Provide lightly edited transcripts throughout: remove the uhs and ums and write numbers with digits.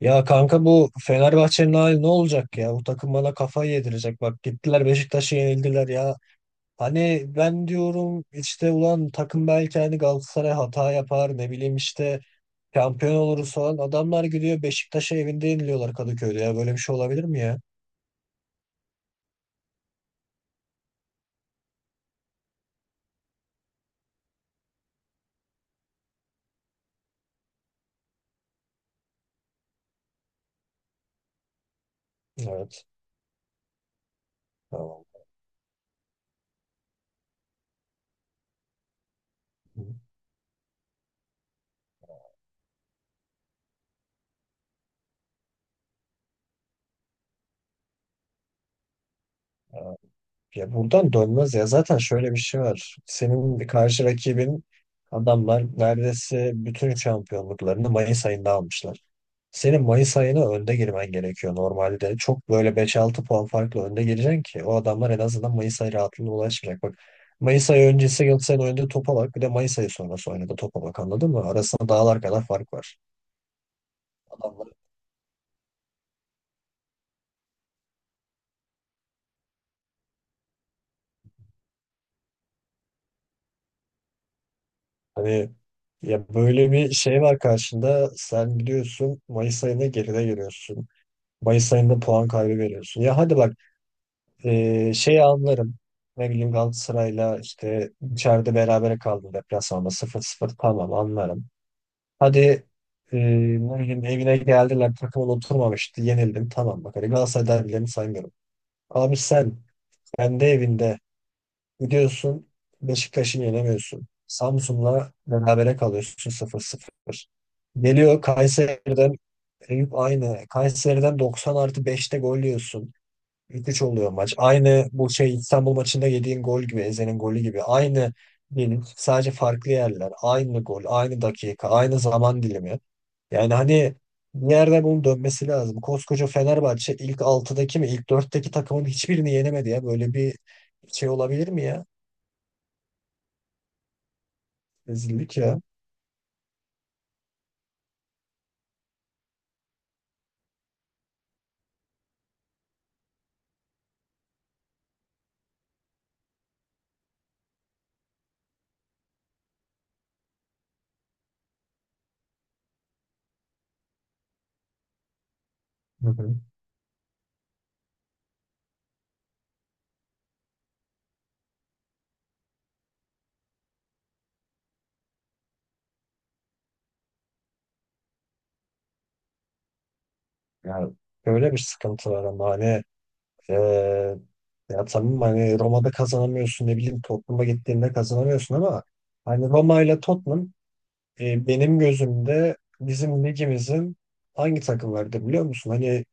Ya kanka bu Fenerbahçe'nin hali ne olacak ya? Bu takım bana kafayı yedirecek. Bak gittiler Beşiktaş'a yenildiler ya. Hani ben diyorum işte ulan takım belki hani Galatasaray hata yapar ne bileyim işte şampiyon oluruz falan. Adamlar gidiyor Beşiktaş'a evinde yeniliyorlar Kadıköy'de ya. Böyle bir şey olabilir mi ya? Evet. Tamam. Ya buradan dönmez ya. Zaten şöyle bir şey var. Senin karşı rakibin adamlar neredeyse bütün şampiyonluklarını Mayıs ayında almışlar. Senin Mayıs ayına önde girmen gerekiyor normalde. Çok böyle beş altı puan farklı önde gireceksin ki o adamlar en azından Mayıs ayı rahatlığına ulaşmayacak. Bak Mayıs ayı öncesi Galatasaray'ın oynadığı topa bak. Bir de Mayıs ayı sonrası oynadığı topa bak anladın mı? Arasında dağlar kadar fark var. Adamlar hani ya böyle bir şey var karşında. Sen gidiyorsun Mayıs ayına geride giriyorsun. Mayıs ayında puan kaybı veriyorsun. Ya hadi bak şeyi anlarım. Ne bileyim Galatasaray'la işte içeride berabere kaldı, deplasmanda sıfır sıfır, tamam anlarım. Hadi ne bileyim evine geldiler, takımın oturmamıştı, yenildin tamam, bak hadi Galatasaray derbilerini saymıyorum. Abi sen kendi evinde gidiyorsun Beşiktaş'ı yenemiyorsun. Samsun'la berabere kalıyorsun sıfır, 0. Geliyor Kayseri'den. Eyüp aynı. Kayseri'den 90 artı beşte gol yiyorsun. 3-3 oluyor maç. Aynı bu şey İstanbul maçında yediğin gol gibi, Eze'nin golü gibi. Aynı değil, sadece farklı yerler, aynı gol, aynı dakika, aynı zaman dilimi. Yani hani bir yerde bunun dönmesi lazım. Koskoca Fenerbahçe ilk 6'daki mi, ilk dörtteki takımın hiçbirini yenemedi ya. Böyle bir şey olabilir mi ya? Rezillik ya. Hı hı. Yani böyle bir sıkıntı var ama hani eee, ya tamam, hani Roma'da kazanamıyorsun, ne bileyim Tottenham'a gittiğinde kazanamıyorsun ama hani Roma ile Tottenham. E, benim gözümde bizim ligimizin hangi takımlardı biliyor musun? Hani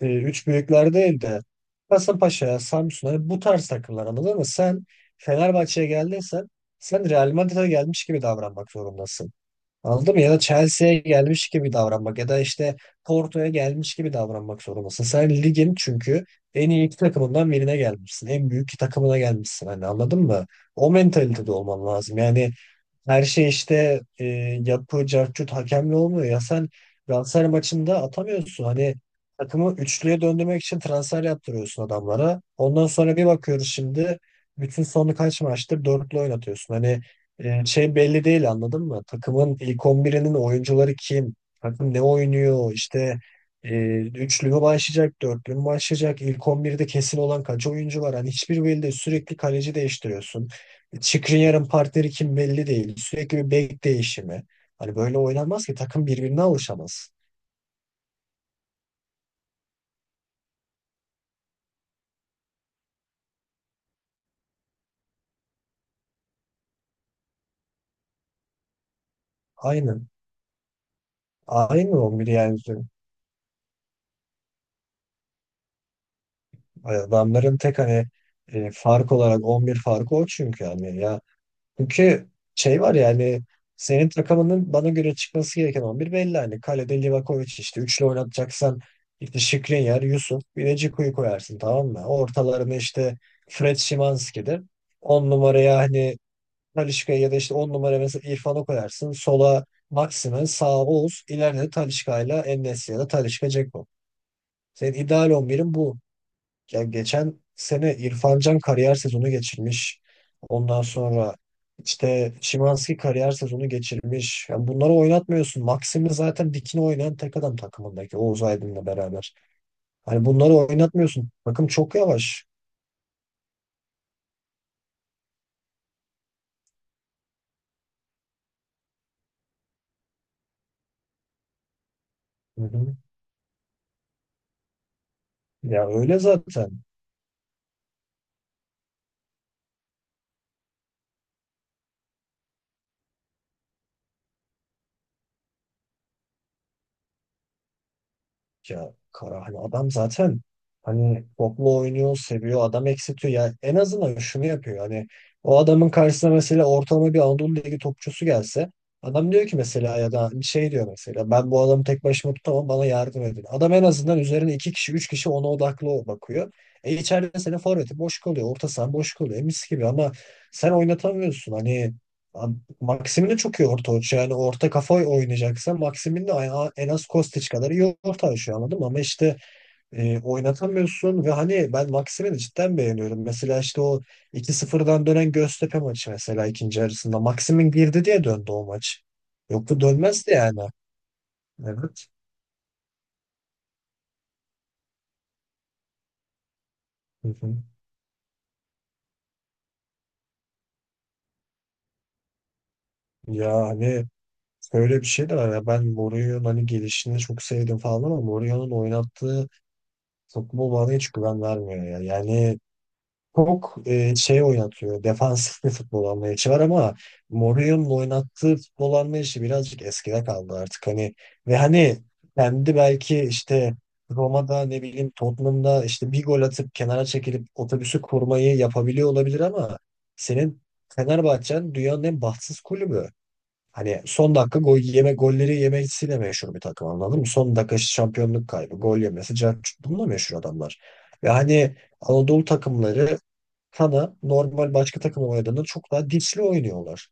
üç büyükler değil de Kasımpaşa, Samsun, hani bu tarz takımlar anladın mı? Sen Fenerbahçe'ye geldiysen sen Real Madrid'e gelmiş gibi davranmak zorundasın. Anladın mı? Ya da Chelsea'ye gelmiş gibi davranmak, ya da işte Porto'ya gelmiş gibi davranmak zorundasın. Sen ligin çünkü en iyi iki takımından birine gelmişsin. En büyük iki takımına gelmişsin. Hani anladın mı? O mentalitede olman lazım. Yani her şey işte yapı, cartçut, hakemle olmuyor. Ya sen transfer maçında atamıyorsun. Hani takımı üçlüye döndürmek için transfer yaptırıyorsun adamlara. Ondan sonra bir bakıyoruz, şimdi bütün sonu kaç maçtır dörtlü oynatıyorsun. Hani şey belli değil, anladın mı? Takımın ilk 11'inin oyuncuları kim? Takım ne oynuyor? İşte e, üçlü mü başlayacak, dörtlü mü başlayacak? İlk 11'de kesin olan kaç oyuncu var? Hani hiçbir belli değil. Sürekli kaleci değiştiriyorsun. Skriniar'ın partneri kim belli değil. Sürekli bir bek değişimi. Hani böyle oynanmaz ki, takım birbirine alışamaz. Aynen. Aynı 11 yani. Adamların tek hani fark olarak 11 farkı o, çünkü yani ya. Çünkü şey var yani, senin takımının bana göre çıkması gereken 11 belli. Hani kalede Livakovic, işte üçlü oynatacaksan işte Skriniar, Yusuf, bir de Džeku'yu koyarsın, tamam mı? Ortalarına işte Fred, Szymanski'dir. 10 numaraya hani Talisca'ya, ya da işte 10 numara mesela İrfan'ı koyarsın. Sola Maximen, sağa Oğuz, ileride de Talisca ile, en ya da Talisca Dzeko. Senin ideal 11'in bu. Ya geçen sene İrfan Can kariyer sezonu geçirmiş. Ondan sonra işte Szymański kariyer sezonu geçirmiş. Yani bunları oynatmıyorsun. Maximin zaten dikine oynayan tek adam takımındaki, Oğuz Aydın'la beraber. Hani bunları oynatmıyorsun. Bakım çok yavaş. Hı hı. Ya öyle zaten. Ya Kara, hani adam zaten hani toplu oynuyor, seviyor, adam eksiltiyor. Yani en azından şunu yapıyor. Hani o adamın karşısına mesela ortalama bir Anadolu Ligi topçusu gelse, adam diyor ki mesela, ya da şey diyor mesela, ben bu adamı tek başıma tutamam bana yardım edin. Adam en azından üzerine iki kişi, üç kişi ona odaklı bakıyor. E, içeride senin forveti boş kalıyor, orta sahan boş kalıyor. E mis gibi, ama sen oynatamıyorsun. Hani Maxim'in de çok iyi orta oyuncu. Yani orta kafa oynayacaksa, Maxim'in de en az Kostić kadar iyi orta oyuncu, anladın mı? Ama işte oynatamıyorsun, ve hani ben Maxim'i de cidden beğeniyorum. Mesela işte o 2-0'dan dönen Göztepe maçı, mesela ikinci yarısında Maxim'in girdi diye döndü o maç. Yoksa dönmezdi yani. Evet. Hı hı. Ya hani böyle bir şey de var ya. Ben Mourinho'nun hani gelişini çok sevdim falan, ama Mourinho'nun oynattığı futbol bana hiç güven vermiyor ya. Yani çok şey oynatıyor. Defansif bir futbol anlayışı var, ama Mourinho'nun oynattığı futbol anlayışı birazcık eskide kaldı artık. Hani, ve hani kendi belki işte Roma'da, ne bileyim Tottenham'da işte bir gol atıp kenara çekilip otobüsü kurmayı yapabiliyor olabilir, ama senin Fenerbahçe'n dünyanın en bahtsız kulübü. Hani son dakika gol yeme, golleri yemesiyle meşhur bir takım, anladın mı? Son dakika işte şampiyonluk kaybı, gol yemesi, bununla meşhur adamlar. Ve hani Anadolu takımları Kana normal başka takım oynadığında çok daha dişli oynuyorlar.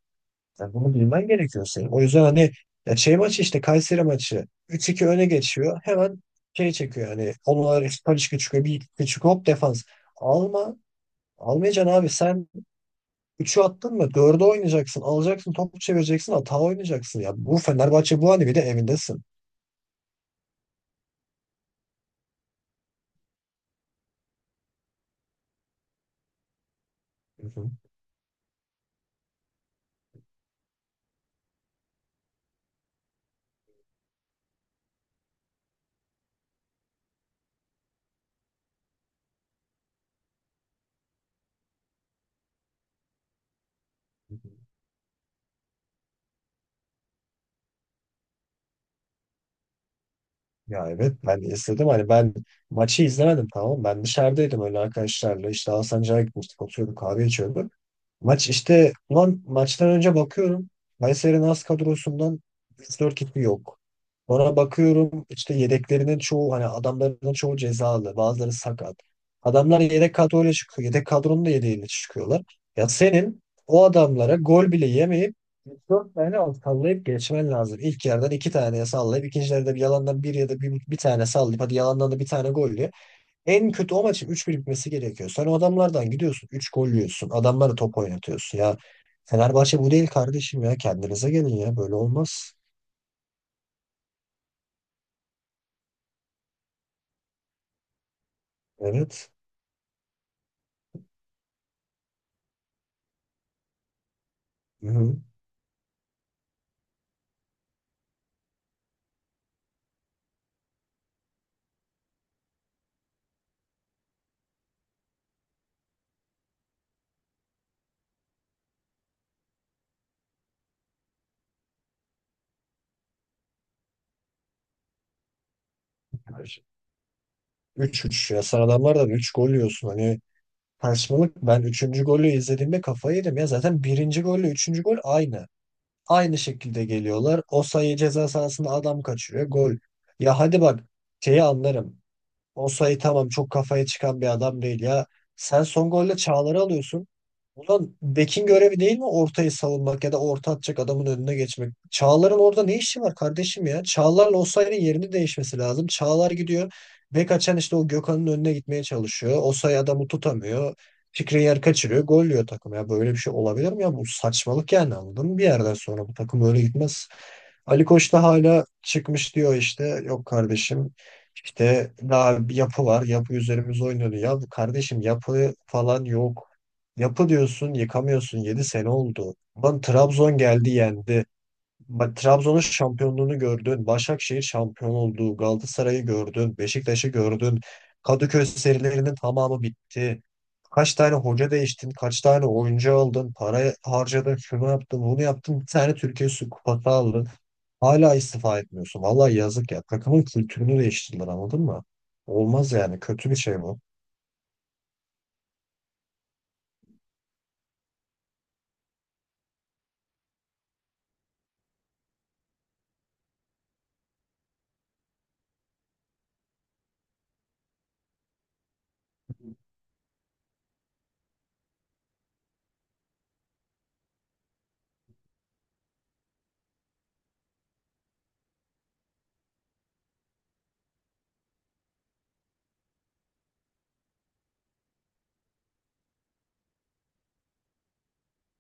Yani bunu bilmen gerekiyor senin. O yüzden hani ya şey maçı, işte Kayseri maçı 3-2 öne geçiyor. Hemen şey çekiyor yani, onlar işte Talisca çıkıyor. Bir iki çıkıyor, hop defans. Alma. Almayacaksın abi, sen üçü attın mı 4'ü oynayacaksın. Alacaksın topu çevireceksin, hata oynayacaksın. Ya bu Fenerbahçe bu, hani bir de evindesin. Hı hı. Ya evet, ben istedim, hani ben maçı izlemedim, tamam ben dışarıdaydım, öyle arkadaşlarla işte Hasan Cağ'a gitmiştik, oturuyorduk kahve içiyorduk. Maç işte, ulan maçtan önce bakıyorum. Kayseri'nin az kadrosundan 3-4 kişi yok. Sonra bakıyorum işte yedeklerinin çoğu, hani adamların çoğu cezalı. Bazıları sakat. Adamlar yedek kadroyla çıkıyor. Yedek kadronun da yedeğiyle çıkıyorlar. Ya senin o adamlara gol bile yemeyip üç dört tane al sallayıp geçmen lazım. İlk yerden iki taneye sallayıp, ikinci yerde bir yalandan bir, ya da bir tane sallayıp hadi yalandan da bir tane gol, en kötü o maçın üç 1 bitmesi gerekiyor. Sen o adamlardan gidiyorsun, 3 gol yiyorsun. Adamlara top oynatıyorsun. Ya Fenerbahçe bu değil kardeşim ya. Kendinize gelin ya. Böyle olmaz. Evet. Hı-hı. 3-3 ya. Sen adamlardan 3 gol yiyorsun. Hani saçmalık. Ben üçüncü golü izlediğimde kafayı yedim ya. Zaten birinci golle üçüncü gol aynı. Aynı şekilde geliyorlar. O sayı ceza sahasında adam kaçırıyor. Gol. Ya hadi bak şeyi anlarım. Osayi tamam, çok kafaya çıkan bir adam değil ya. Sen son golle Çağlar'ı alıyorsun. Ulan bekin görevi değil mi ortayı savunmak ya da orta atacak adamın önüne geçmek? Çağlar'ın orada ne işi var kardeşim ya? Çağlar'la Osayi'nin yerini değişmesi lazım. Çağlar gidiyor. Bek açan işte o Gökhan'ın önüne gitmeye çalışıyor. Osayi adamı tutamıyor. Fikri yer kaçırıyor. Gol yiyor takım ya. Böyle bir şey olabilir mi ya? Bu saçmalık yani, anladın mı? Bir yerden sonra bu takım öyle gitmez. Ali Koç da hala çıkmış diyor işte. Yok kardeşim, işte daha bir yapı var, yapı üzerimize oynuyordu. Ya bu kardeşim, yapı falan yok. Yapı diyorsun yıkamıyorsun. 7 sene oldu. Lan Trabzon geldi yendi. Bak Trabzon'un şampiyonluğunu gördün. Başakşehir şampiyon oldu. Galatasaray'ı gördün. Beşiktaş'ı gördün. Kadıköy serilerinin tamamı bitti. Kaç tane hoca değiştin? Kaç tane oyuncu aldın? Para harcadın. Şunu yaptın. Bunu yaptın. Bir tane Türkiye Su Kupası aldın. Hala istifa etmiyorsun. Vallahi yazık ya. Takımın kültürünü değiştirdiler, anladın mı? Olmaz yani. Kötü bir şey bu.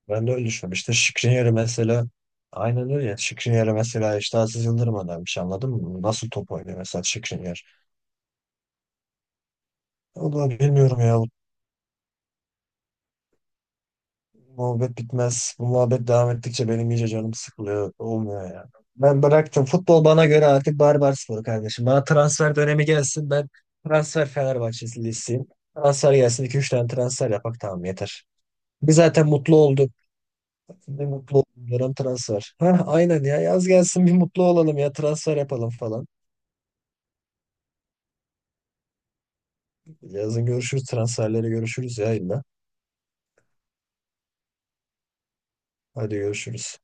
Ben de öyle düşünüyorum. İşte Şikriyar'ı mesela, aynen öyle ya. Şikriyar'ı mesela işte Aziz Yıldırım önermiş, anladın mı? Nasıl top oynuyor mesela Şikriyar? Vallahi bilmiyorum ya. Muhabbet bitmez. Bu muhabbet devam ettikçe benim iyice canım sıkılıyor. Olmuyor ya. Ben bıraktım. Futbol bana göre artık barbar sporu kardeşim. Bana transfer dönemi gelsin. Ben transfer Fenerbahçelisiyim. Transfer gelsin. İki üç tane transfer yapak tamam yeter. Biz zaten mutlu olduk. Ne mutlu oldum, dönem transfer. Ha, aynen ya, yaz gelsin bir mutlu olalım ya, transfer yapalım falan. Yazın görüşürüz, transferleri görüşürüz ya illa. Hadi görüşürüz.